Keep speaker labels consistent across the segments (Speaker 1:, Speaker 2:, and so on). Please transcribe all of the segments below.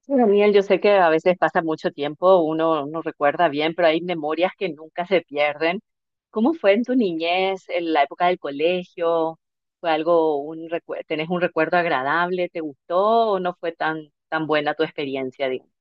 Speaker 1: Sí, Daniel, yo sé que a veces pasa mucho tiempo, uno no recuerda bien, pero hay memorias que nunca se pierden. ¿Cómo fue en tu niñez, en la época del colegio? ¿Fue algo, un recuerdo, tenés un recuerdo agradable? ¿Te gustó o no fue tan buena tu experiencia, digamos?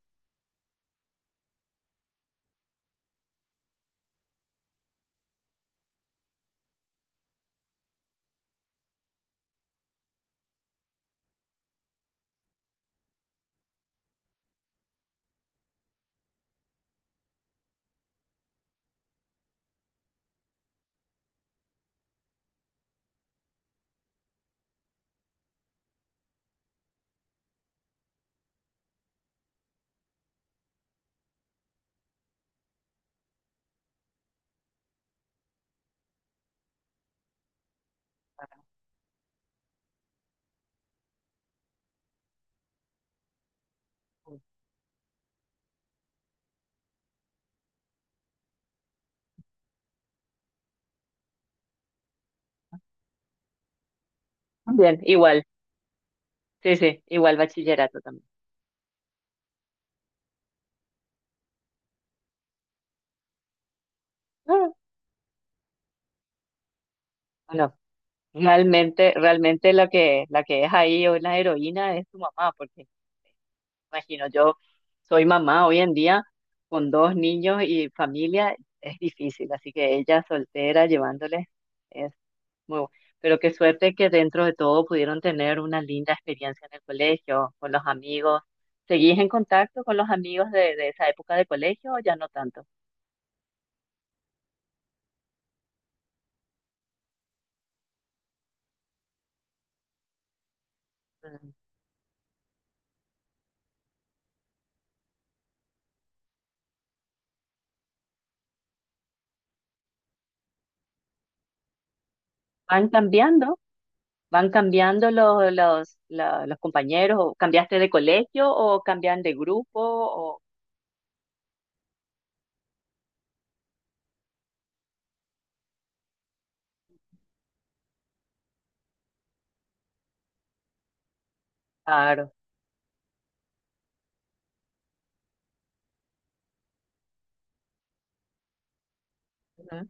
Speaker 1: Bien, igual, sí, sí, igual bachillerato también. Ah. Bueno, realmente la que es ahí hoy la heroína es tu mamá, porque imagino, yo soy mamá hoy en día con dos niños y familia, es difícil, así que ella soltera llevándoles es muy bu- pero qué suerte que dentro de todo pudieron tener una linda experiencia en el colegio, con los amigos. ¿Seguís en contacto con los amigos de esa época de colegio o ya no tanto? Mm. Van cambiando, van cambiando los compañeros, o cambiaste de colegio o cambian de grupo, o claro, ujú,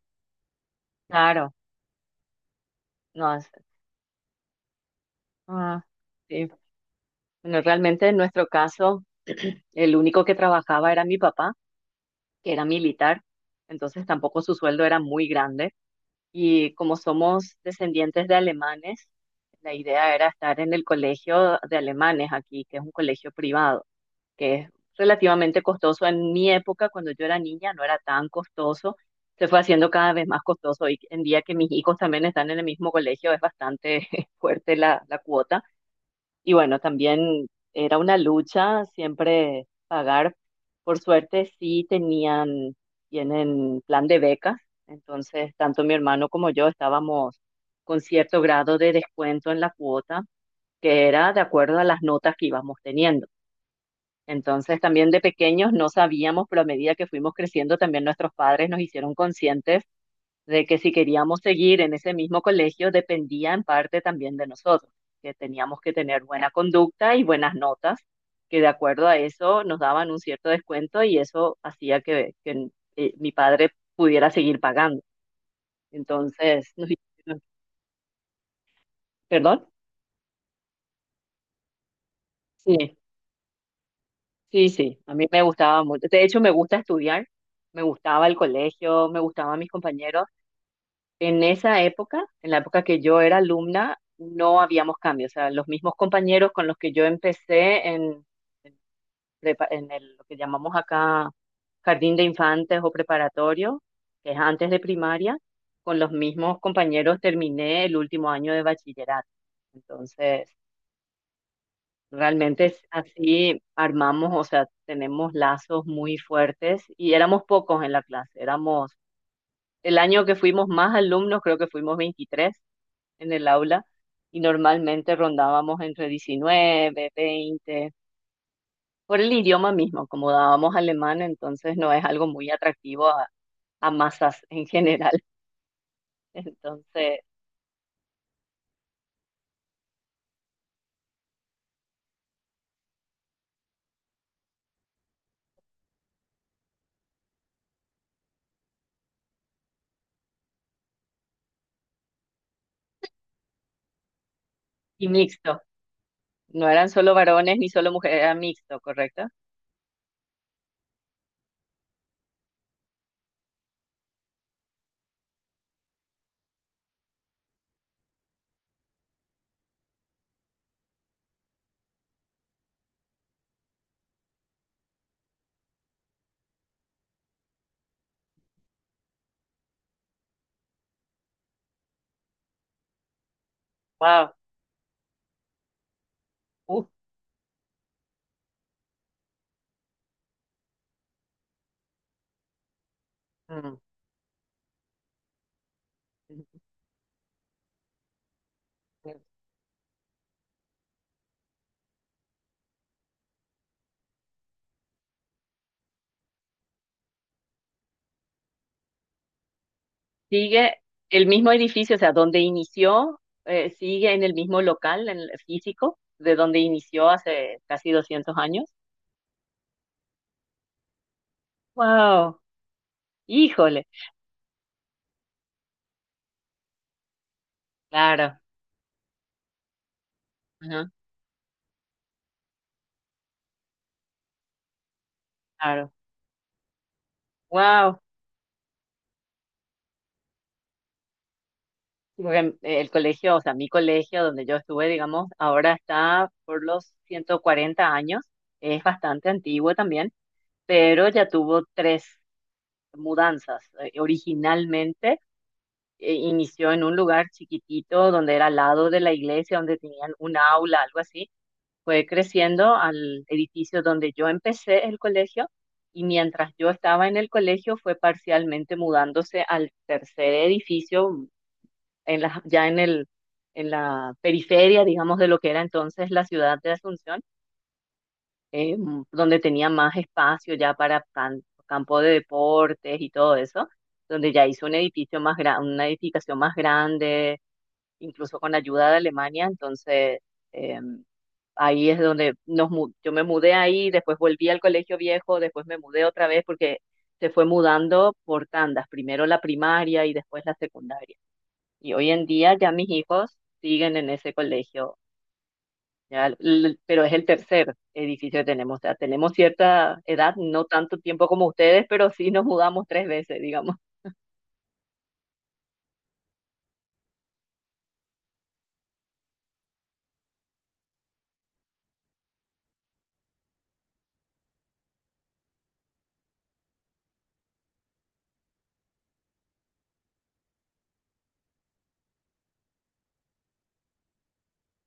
Speaker 1: claro. No. Ah, sí. Bueno, realmente en nuestro caso, el único que trabajaba era mi papá, que era militar, entonces tampoco su sueldo era muy grande. Y como somos descendientes de alemanes, la idea era estar en el colegio de alemanes aquí, que es un colegio privado, que es relativamente costoso. En mi época, cuando yo era niña, no era tan costoso. Se fue haciendo cada vez más costoso. Y en día que mis hijos también están en el mismo colegio, es bastante fuerte la cuota y bueno, también era una lucha siempre pagar. Por suerte sí tenían, tienen plan de becas, entonces tanto mi hermano como yo estábamos con cierto grado de descuento en la cuota, que era de acuerdo a las notas que íbamos teniendo. Entonces también de pequeños no sabíamos, pero a medida que fuimos creciendo también nuestros padres nos hicieron conscientes de que si queríamos seguir en ese mismo colegio dependía en parte también de nosotros, que teníamos que tener buena conducta y buenas notas, que de acuerdo a eso nos daban un cierto descuento y eso hacía que mi padre pudiera seguir pagando. Entonces, ¿perdón? Sí, sí, sí, a mí me gustaba mucho. De hecho, me gusta estudiar, me gustaba el colegio, me gustaban mis compañeros. En esa época, en la época que yo era alumna, no habíamos cambios. O sea, los mismos compañeros con los que yo empecé en prepa- en el- lo que llamamos acá jardín de infantes o preparatorio, que es antes de primaria, con los mismos compañeros terminé el último año de bachillerato. Entonces, realmente es así armamos, o sea, tenemos lazos muy fuertes y éramos pocos en la clase. Éramos, el año que fuimos más alumnos, creo que fuimos 23 en el aula y normalmente rondábamos entre 19 20 por el idioma mismo, como dábamos alemán, entonces no es algo muy atractivo a masas en general. Entonces, y mixto, no eran solo varones ni solo mujeres, era mixto, ¿correcto? Wow, uf. Mm. Sigue el mismo edificio, o sea, donde inició, sigue en el mismo local, en el físico, de donde inició hace casi 200 años. Wow, híjole, claro. Ajá, claro. Wow. Porque el colegio, o sea, mi colegio donde yo estuve, digamos, ahora está por los 140 años. Es bastante antiguo también, pero ya tuvo tres mudanzas. Originalmente inició en un lugar chiquitito donde era al lado de la iglesia, donde tenían un aula, algo así. Fue creciendo al edificio donde yo empecé el colegio. Y mientras yo estaba en el colegio, fue parcialmente mudándose al tercer edificio, en la, ya en el, en la periferia, digamos, de lo que era entonces la ciudad de Asunción, donde tenía más espacio ya para campo de deportes y todo eso, donde ya hizo un edificio más gran, una edificación más grande, incluso con ayuda de Alemania, entonces eh, ahí es donde yo me mudé ahí, después volví al colegio viejo, después me mudé otra vez porque se fue mudando por tandas, primero la primaria y después la secundaria. Y hoy en día ya mis hijos siguen en ese colegio, ya, pero es el tercer edificio que tenemos. O sea, tenemos cierta edad, no tanto tiempo como ustedes, pero sí nos mudamos tres veces, digamos.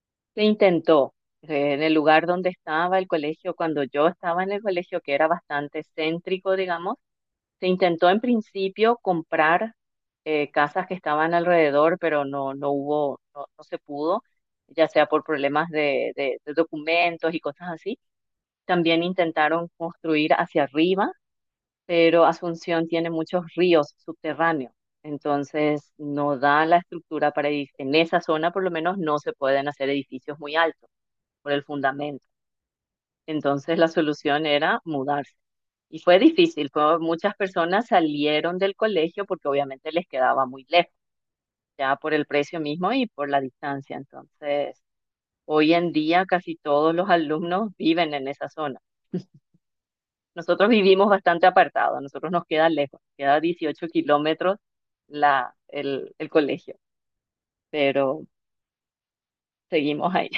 Speaker 1: Se intentó en el lugar donde estaba el colegio, cuando yo estaba en el colegio, que era bastante céntrico, digamos, se intentó en principio comprar casas que estaban alrededor, pero no, no se pudo, ya sea por problemas de documentos y cosas así. También intentaron construir hacia arriba, pero Asunción tiene muchos ríos subterráneos, entonces no da la estructura para edificios. En esa zona por lo menos no se pueden hacer edificios muy altos por el fundamento. Entonces la solución era mudarse. Y fue difícil, muchas personas salieron del colegio porque obviamente les quedaba muy lejos, ya por el precio mismo y por la distancia. Entonces, hoy en día casi todos los alumnos viven en esa zona. Nosotros vivimos bastante apartados, a nosotros nos queda lejos, queda 18 kilómetros el colegio, pero seguimos ahí.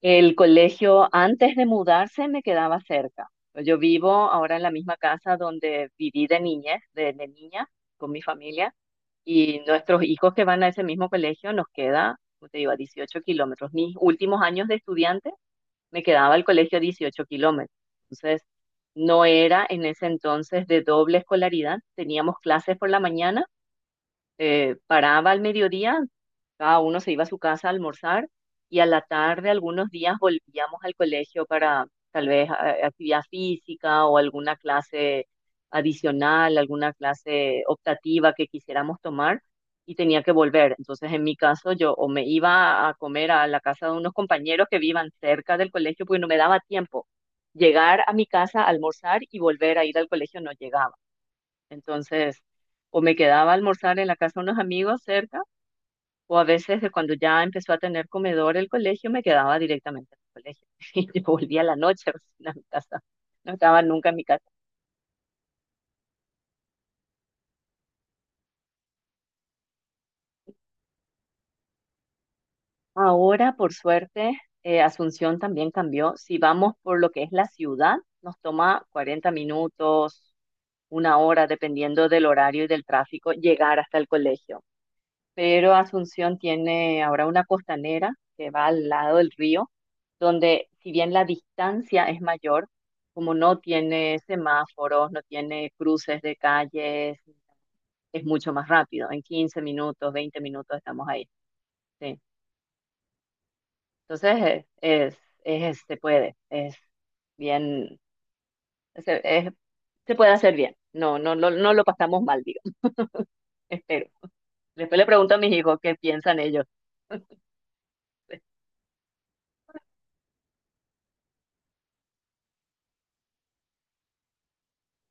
Speaker 1: El colegio antes de mudarse me quedaba cerca. Yo vivo ahora en la misma casa donde viví de niña, con mi familia, y nuestros hijos que van a ese mismo colegio nos queda, como te digo, a 18 kilómetros. Mis últimos años de estudiante me quedaba al colegio 18 kilómetros. Entonces, no era en ese entonces de doble escolaridad, teníamos clases por la mañana, paraba al mediodía, cada uno se iba a su casa a almorzar y a la tarde algunos días volvíamos al colegio para tal vez actividad física o alguna clase adicional, alguna clase optativa que quisiéramos tomar y tenía que volver. Entonces, en mi caso, yo o me iba a comer a la casa de unos compañeros que vivan cerca del colegio porque no me daba tiempo. Llegar a mi casa, almorzar y volver a ir al colegio no llegaba. Entonces, o me quedaba a almorzar en la casa de unos amigos cerca, o a veces de cuando ya empezó a tener comedor el colegio, me quedaba directamente en el colegio. Y yo volvía a la noche recién a mi casa. No estaba nunca en mi casa. Ahora, por suerte, Asunción también cambió. Si vamos por lo que es la ciudad, nos toma 40 minutos, una hora, dependiendo del horario y del tráfico, llegar hasta el colegio. Pero Asunción tiene ahora una costanera que va al lado del río, donde si bien la distancia es mayor, como no tiene semáforos, no tiene cruces de calles, es mucho más rápido. En 15 minutos, 20 minutos estamos ahí. Sí. Entonces, es- se puede, es bien, se, es- se puede hacer bien. No, no lo pasamos mal, digo, espero. Después le pregunto a mis hijos qué piensan ellos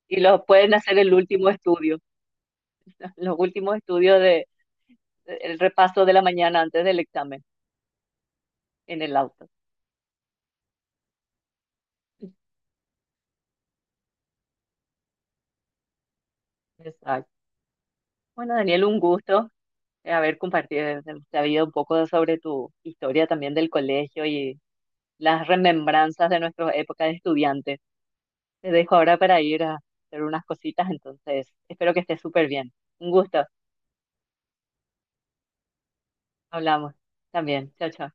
Speaker 1: y los pueden hacer el último estudio. Los últimos estudios de el repaso de la mañana antes del examen en el auto. Exacto. Bueno, Daniel, un gusto, haber compartido, sabido un poco sobre tu historia también del colegio y las remembranzas de nuestra época de estudiante. Te dejo ahora para ir a hacer unas cositas, entonces espero que estés súper bien. Un gusto. Hablamos también. Chao, chao.